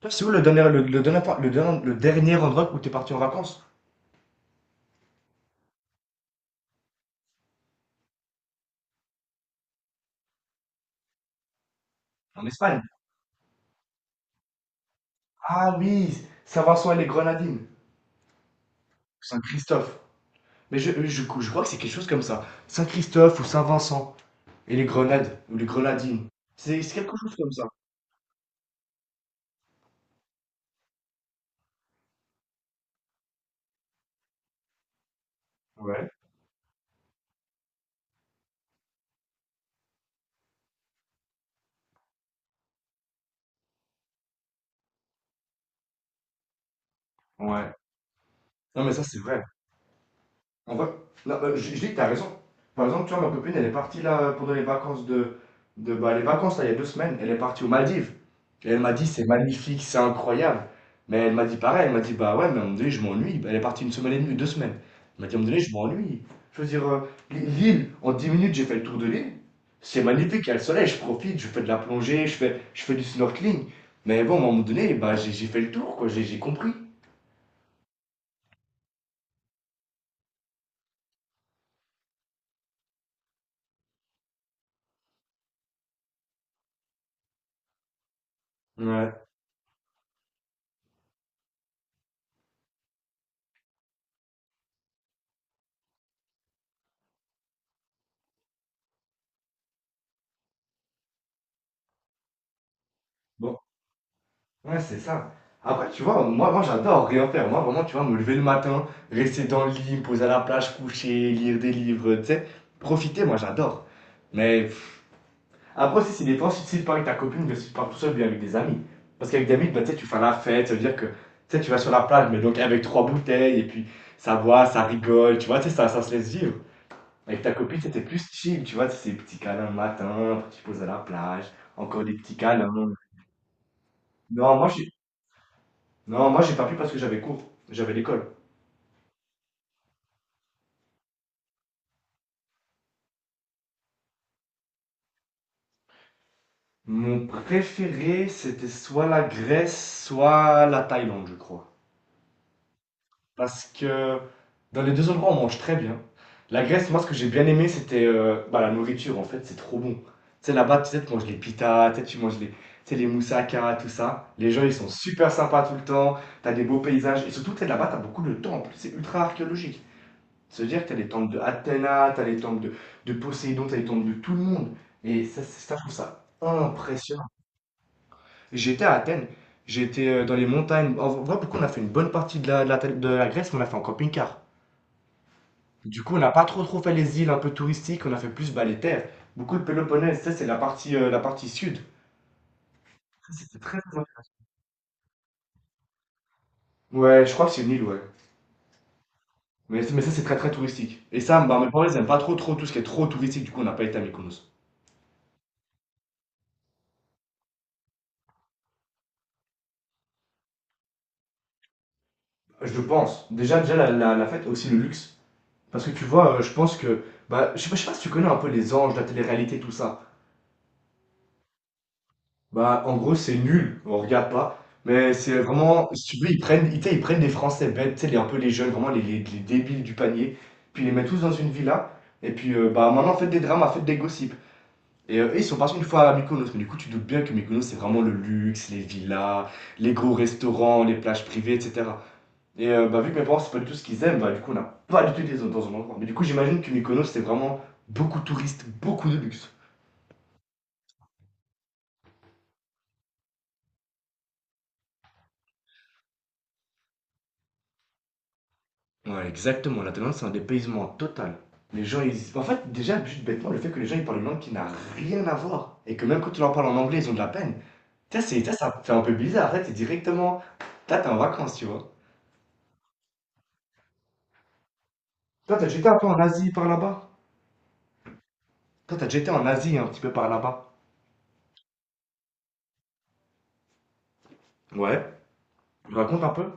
Toi, c'est où le dernier, le dernier endroit où t'es parti en vacances? En Espagne. Ah oui, Saint-Vincent et les Grenadines. Saint-Christophe. Mais je crois que c'est quelque chose comme ça. Saint-Christophe ou Saint-Vincent et les Grenades ou les Grenadines. C'est quelque chose comme ça. Ouais, ouais. Non mais ça c'est vrai. On va... Non, je dis que t'as raison. Par exemple, tu vois, ma copine, elle est partie là pendant les vacances de bah, les vacances, là, il y a 2 semaines, elle est partie aux Maldives. Et elle m'a dit, c'est magnifique, c'est incroyable. Mais elle m'a dit pareil, elle m'a dit, bah ouais, mais à un moment donné, je m'ennuie. Bah, elle est partie 1 semaine et demie, 2 semaines. Elle m'a dit, à un moment donné, je m'ennuie. Je veux dire, l'île, en 10 minutes, j'ai fait le tour de l'île. C'est magnifique, il y a le soleil, je profite, je fais de la plongée, je fais du snorkeling. Mais bon, à un moment donné, bah, j'ai fait le tour, quoi, j'ai compris. Ouais. Bon. Ouais, c'est ça. Après, tu vois, moi j'adore rien faire. Moi, vraiment, tu vois, me lever le matin, rester dans le lit, me poser à la plage, coucher, lire des livres, tu sais. Profiter, moi, j'adore. Mais pff, après aussi, c'est des fois, si tu pars avec ta copine, que si tu pars tout seul, bien avec des amis. Parce qu'avec des amis, bah, tu sais, tu fais la fête, ça veut dire que tu sais, tu vas sur la plage, mais donc avec 3 bouteilles, et puis ça boit, ça rigole, tu vois, tu sais, ça se laisse vivre. Avec ta copine, c'était plus chill, tu vois, c'est petits câlins le matin, après tu te poses à la plage, encore des petits câlins. Non, non, moi j'ai pas pu parce que j'avais cours, j'avais l'école. Mon préféré, c'était soit la Grèce, soit la Thaïlande, je crois. Parce que dans les deux endroits, on mange très bien. La Grèce, moi, ce que j'ai bien aimé, c'était bah, la nourriture, en fait, c'est trop bon. Tu sais, là-bas, tu sais, tu manges les pitas, tu sais, tu manges les, tu sais, les moussaka, tout ça. Les gens, ils sont super sympas tout le temps, t'as des beaux paysages, et surtout, tu sais, là-bas, t'as beaucoup de temples, c'est ultra archéologique. C'est-à-dire que tu as les temples de Athéna, tu as les temples de Poséidon, tu as les temples de tout le monde. Et ça, ça, je trouve ça impressionnant. J'étais à Athènes, j'étais dans les montagnes. En vrai, beaucoup, on a fait une bonne partie de de la Grèce, mais on l'a fait en camping-car. Du coup, on n'a pas trop fait les îles un peu touristiques, on a fait plus bah, les terres. Beaucoup le Péloponnèse, ça, c'est la partie sud. Ça, c'était très, très intéressant. Ouais, je crois que c'est une île, ouais. Mais ça, c'est très très touristique. Et ça, bah, mes parents, ils aiment pas trop trop tout ce qui est trop touristique, du coup, on n'a pas été à Mykonos. Je pense. Déjà, déjà la fête, aussi le luxe. Parce que tu vois, je pense que. Bah, je sais pas si tu connais un peu les anges, la télé-réalité, tout ça. Bah, en gros, c'est nul, on regarde pas. Mais c'est vraiment. Si tu veux, tu sais, ils prennent des Français bêtes, tu sais, les- un peu les jeunes, vraiment les débiles du panier. Puis ils les mettent tous dans une villa. Et puis, bah, maintenant, faites des dramas, faites des gossips. Et ils sont partis une fois à Mykonos. Mais du coup, tu doutes bien que Mykonos, c'est vraiment le luxe, les villas, les gros restaurants, les plages privées, etc. Et bah, vu que mes parents, c'est pas du tout ce qu'ils aiment, bah, du coup, on n'a pas du tout été dans un endroit. Mais du coup, j'imagine que Mykonos, c'est vraiment beaucoup de touristes, beaucoup de luxe. Ouais, exactement. La Thaïlande, c'est un dépaysement total. Les gens, ils. En fait, déjà, juste bêtement, le fait que les gens, ils parlent une langue qui n'a rien à voir. Et que même quand tu leur parles en anglais, ils ont de la peine. Ça, c'est... ça fait un peu bizarre. Là, t'es directement. Là, t'es en vacances, tu vois. Toi, t'as déjà été un peu en Asie par là-bas. Toi, t'as déjà été en Asie un petit peu par là-bas. Ouais. Raconte un peu.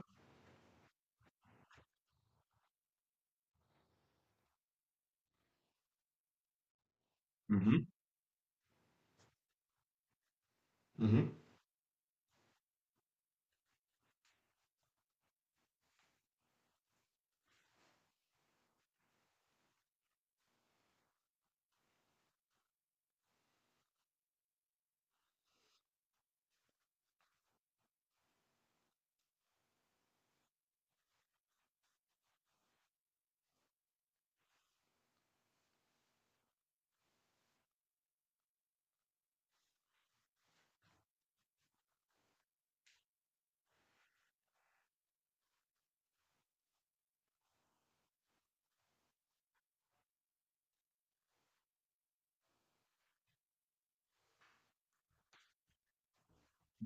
Mhm. Mhm.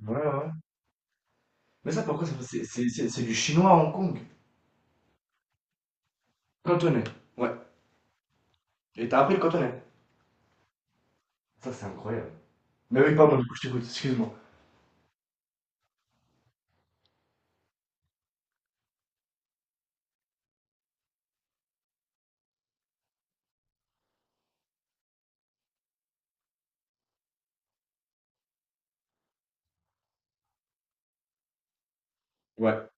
Ouais, ouais. Mais ça, pourquoi c'est du chinois à Hong Kong. Cantonais. Ouais. Et t'as appris le cantonais. Ça, c'est incroyable. Mais oui, pardon, du coup, je t'écoute, excuse-moi. Ouais.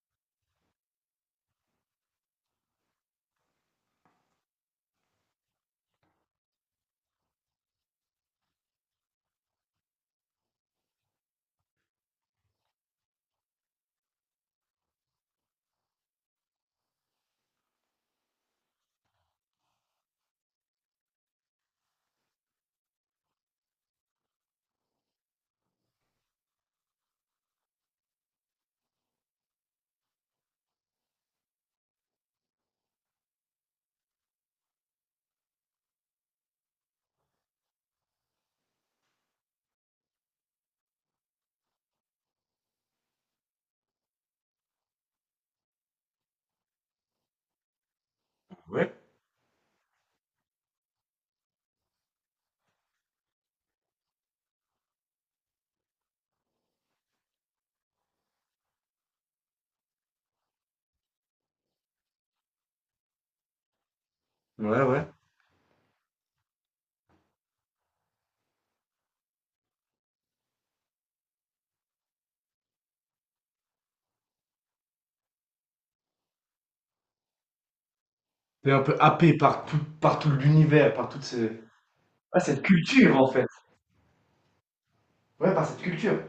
Ouais. Ouais, ouais. T'es un peu happé par tout l'univers, par toute ces... ah, cette culture, en fait. Ouais, par cette culture.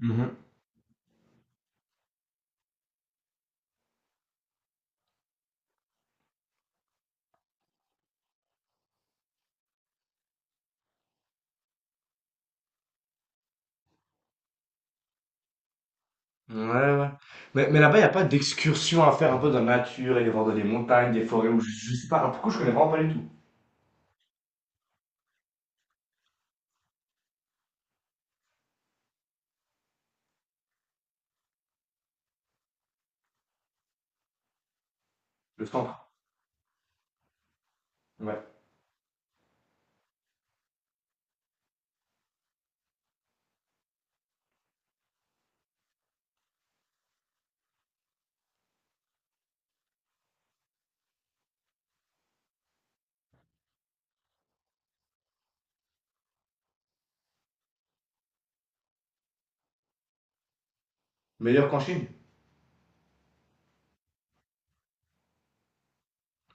Mhm. Ouais, ouais. Mais là-bas, il n'y a pas d'excursion à faire un peu dans la nature, aller voir dans des montagnes, des forêts, ou je sais pas. Pourquoi je connais vraiment pas du tout le centre. Ouais. Meilleur qu'en Chine.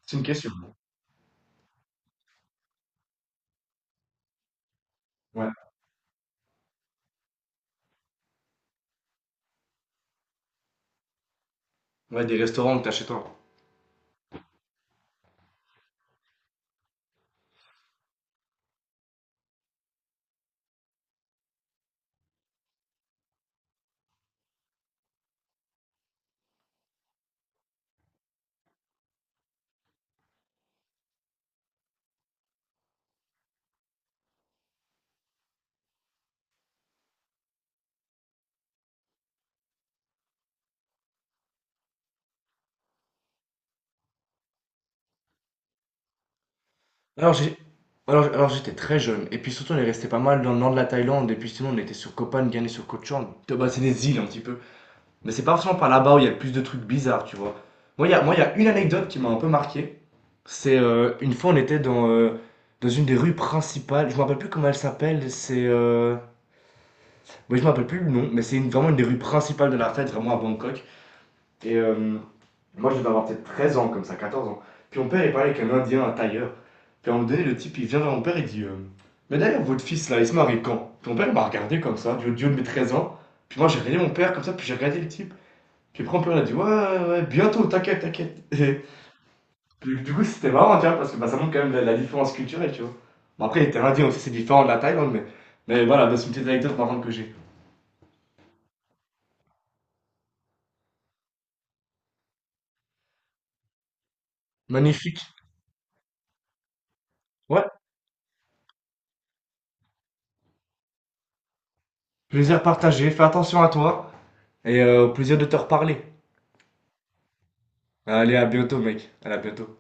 C'est une question. Ouais. Ouais, des restaurants que t'as chez toi. Alors j'ai alors, j'étais très jeune et puis surtout on est resté pas mal dans le nord de la Thaïlande et puis sinon on était sur Koh Phangan et sur Koh Chang. Bah, c'est des îles un petit peu. Mais c'est pas forcément par là-bas où il y a le plus de trucs bizarres, tu vois. Moi, il y a une anecdote qui m'a un peu marqué. C'est une fois on était dans une des rues principales, je me rappelle plus comment elle s'appelle, c'est... Moi je me rappelle plus le nom, mais c'est vraiment une des rues principales de la fête, vraiment à Bangkok. Et moi, je devais avoir peut-être 13 ans, comme ça, 14 ans. Puis mon père, il parlait avec un Indien, un tailleur. Puis à un moment donné, le type, il vient vers mon père, il dit mais d'ailleurs, votre fils, là, il se marie quand. Puis mon père, il m'a regardé comme ça, du haut du de mes 13 ans. Puis moi, j'ai regardé mon père comme ça, puis j'ai regardé le type. Puis après, mon père, il a dit ouais, ouais, ouais, bientôt, t'inquiète, t'inquiète. Et puis, du coup, c'était marrant, tu vois, parce que bah, ça montre quand même la différence culturelle, tu vois. Bon, après, il était indien aussi, c'est différent de la Thaïlande, mais voilà, bah, c'est une petite anecdote par contre que j'ai. Magnifique. Ouais, plaisir partagé, fais attention à toi, et au plaisir de te reparler. Allez, à bientôt, mec. Allez, à bientôt.